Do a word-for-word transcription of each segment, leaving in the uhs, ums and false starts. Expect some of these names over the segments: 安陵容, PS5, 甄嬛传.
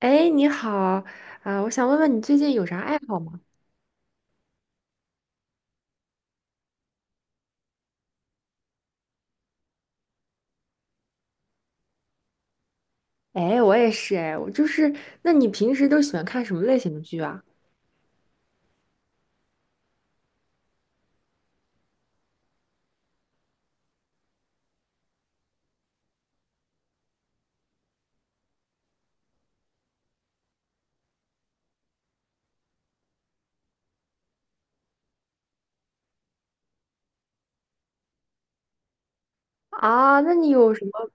哎，你好，啊、我想问问你最近有啥爱好吗？哎，我也是，哎，我就是，那你平时都喜欢看什么类型的剧啊？啊，那你有什么？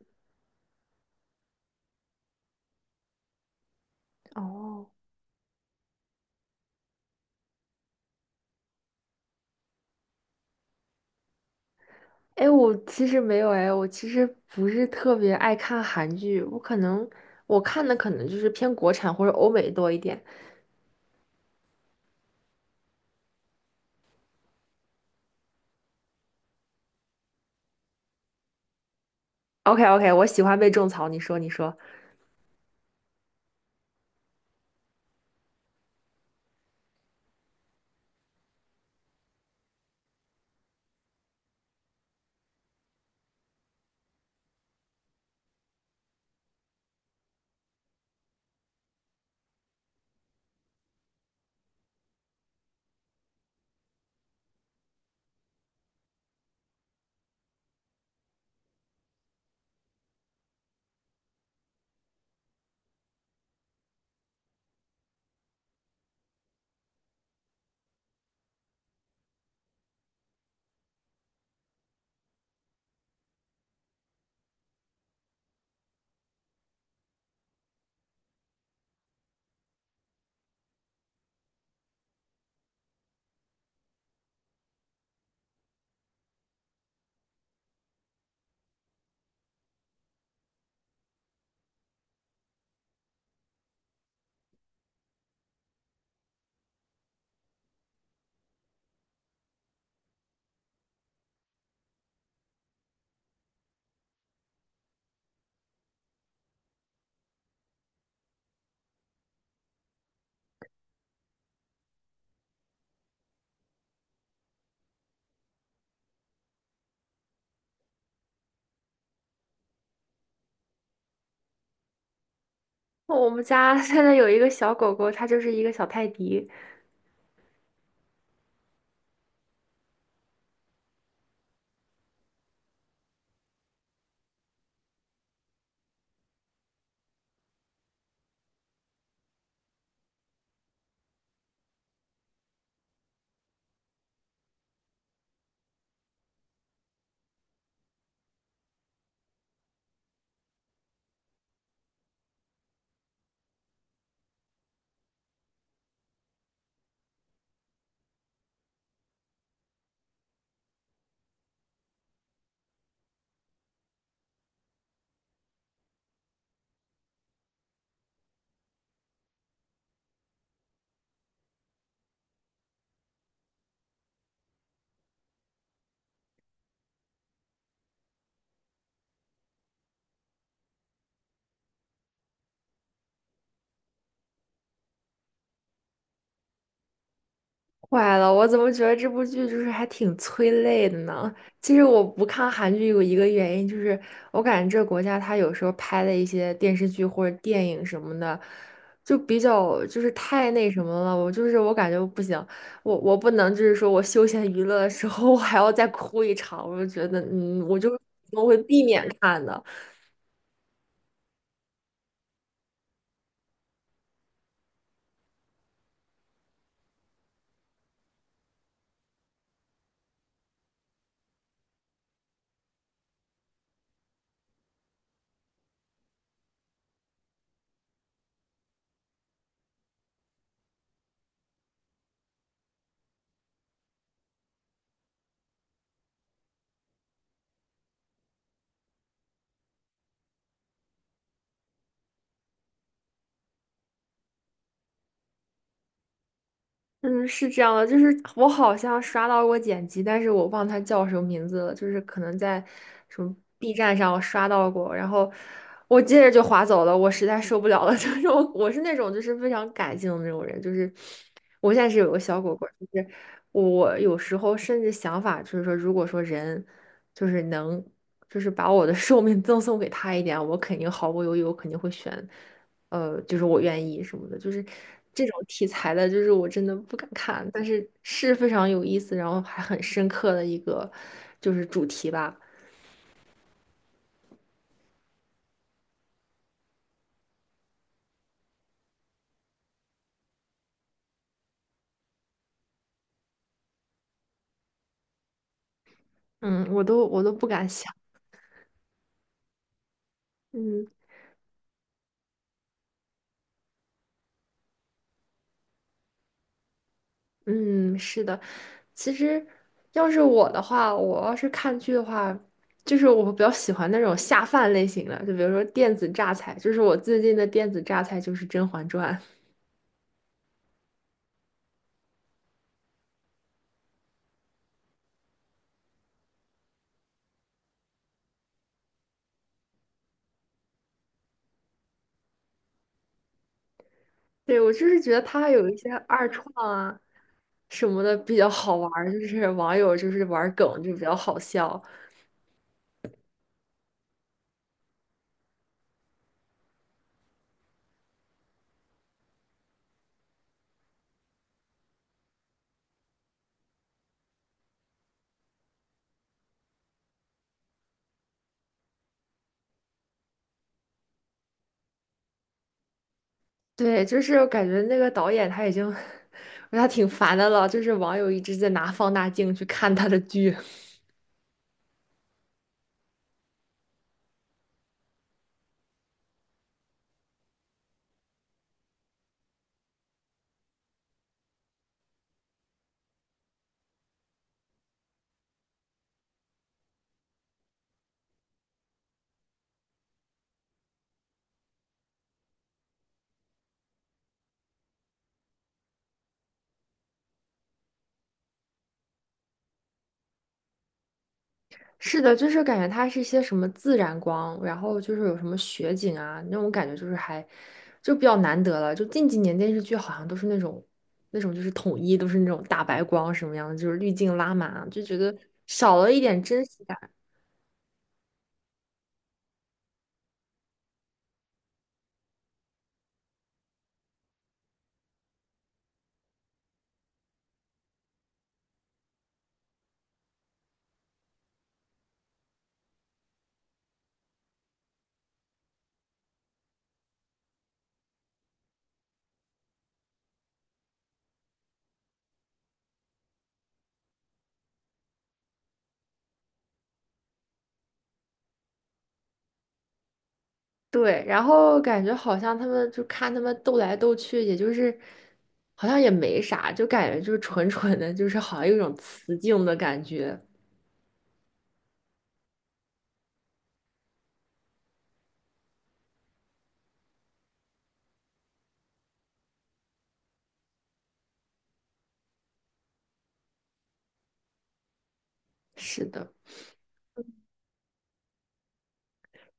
哦，哎，我其实没有，哎，我其实不是特别爱看韩剧，我可能我看的可能就是偏国产或者欧美多一点。OK OK，我喜欢被种草，你说你说。我们家现在有一个小狗狗，它就是一个小泰迪。坏了，我怎么觉得这部剧就是还挺催泪的呢？其实我不看韩剧有一个原因，就是我感觉这个国家它有时候拍的一些电视剧或者电影什么的，就比较就是太那什么了。我就是我感觉不行，我我不能就是说我休闲娱乐的时候我还要再哭一场，我就觉得嗯，我就我会避免看的。嗯，是这样的，就是我好像刷到过剪辑，但是我忘它叫什么名字了，就是可能在什么 B 站上我刷到过，然后我接着就划走了，我实在受不了了，就是我我是那种就是非常感性的那种人，就是我现在是有个小果果，就是我有时候甚至想法就是说，如果说人就是能就是把我的 寿命赠送给他一点，我肯定毫不犹豫，我肯定会选。呃，就是我愿意什么的，就是这种题材的，就是我真的不敢看，但是是非常有意思，然后还很深刻的一个就是主题吧。嗯，我都我都不敢想。嗯嗯，是的，其实要是我的话，我要是看剧的话，就是我比较喜欢那种下饭类型的，就比如说电子榨菜，就是我最近的电子榨菜就是《甄嬛传》。对，我就是觉得他有一些二创啊什么的比较好玩儿，就是网友就是玩儿梗就比较好笑。对，就是我感觉那个导演他已经，他挺烦的了，就是网友一直在拿放大镜去看他的剧。是的，就是感觉它是一些什么自然光，然后就是有什么雪景啊，那种感觉就是还就比较难得了。就近几年电视剧好像都是那种那种就是统一都是那种大白光什么样的，就是滤镜拉满，就觉得少了一点真实感。对，然后感觉好像他们就看他们斗来斗去，也就是好像也没啥，就感觉就是纯纯的，就是好像有一种雌竞的感觉。是的。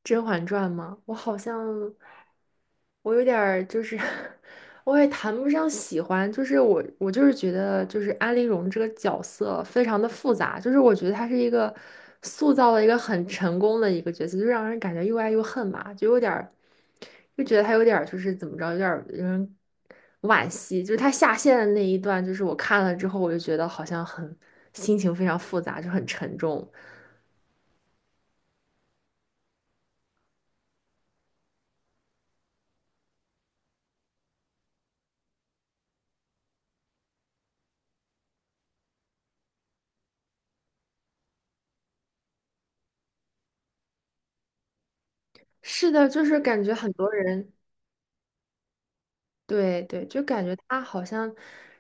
《甄嬛传》吗？我好像我有点儿就是 我也谈不上喜欢，就是我我就是觉得就是安陵容这个角色非常的复杂，就是我觉得她是一个塑造了一个很成功的一个角色，就让人感觉又爱又恨吧，就有点儿就觉得她有点儿就是怎么着，有点儿让人惋惜，就是她下线的那一段，就是我看了之后，我就觉得好像很心情非常复杂，就很沉重。是的，就是感觉很多人。对对，就感觉他好像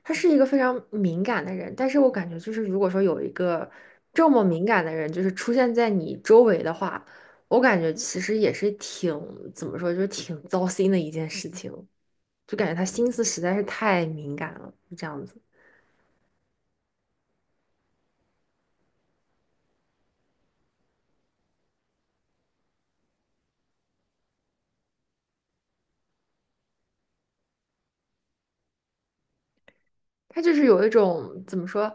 他是一个非常敏感的人，但是我感觉就是如果说有一个这么敏感的人，就是出现在你周围的话，我感觉其实也是挺怎么说，就是挺糟心的一件事情，就感觉他心思实在是太敏感了，就这样子。他就是有一种怎么说，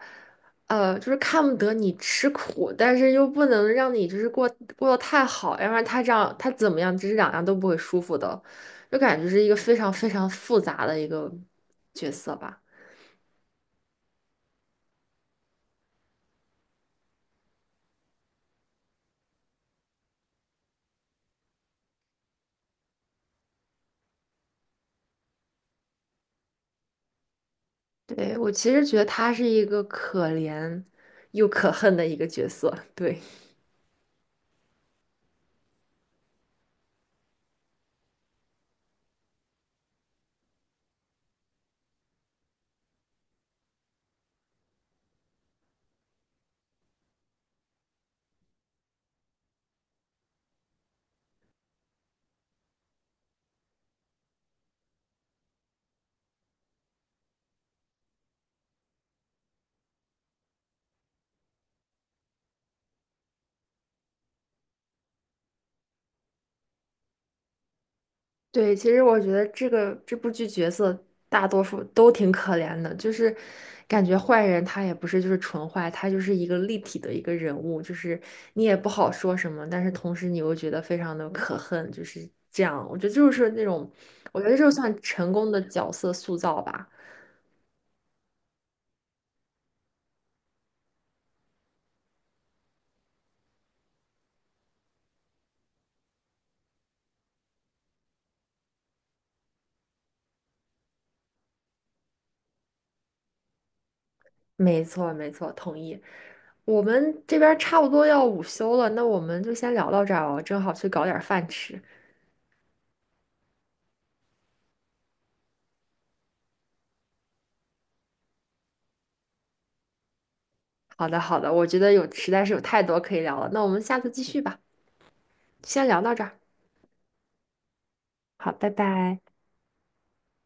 呃，就是看不得你吃苦，但是又不能让你就是过过得太好，要不然他这样他怎么样，这是两样都不会舒服的，就感觉是一个非常非常复杂的一个角色吧。对，我其实觉得他是一个可怜又可恨的一个角色，对。对，其实我觉得这个这部剧角色大多数都挺可怜的，就是感觉坏人他也不是就是纯坏，他就是一个立体的一个人物，就是你也不好说什么，但是同时你又觉得非常的可恨，就是这样。我觉得就是那种，我觉得这就算成功的角色塑造吧。没错，没错，同意。我们这边差不多要午休了，那我们就先聊到这儿吧，我正好去搞点饭吃。好的，好的，我觉得有实在是有太多可以聊了，那我们下次继续吧。先聊到这儿，好，拜拜。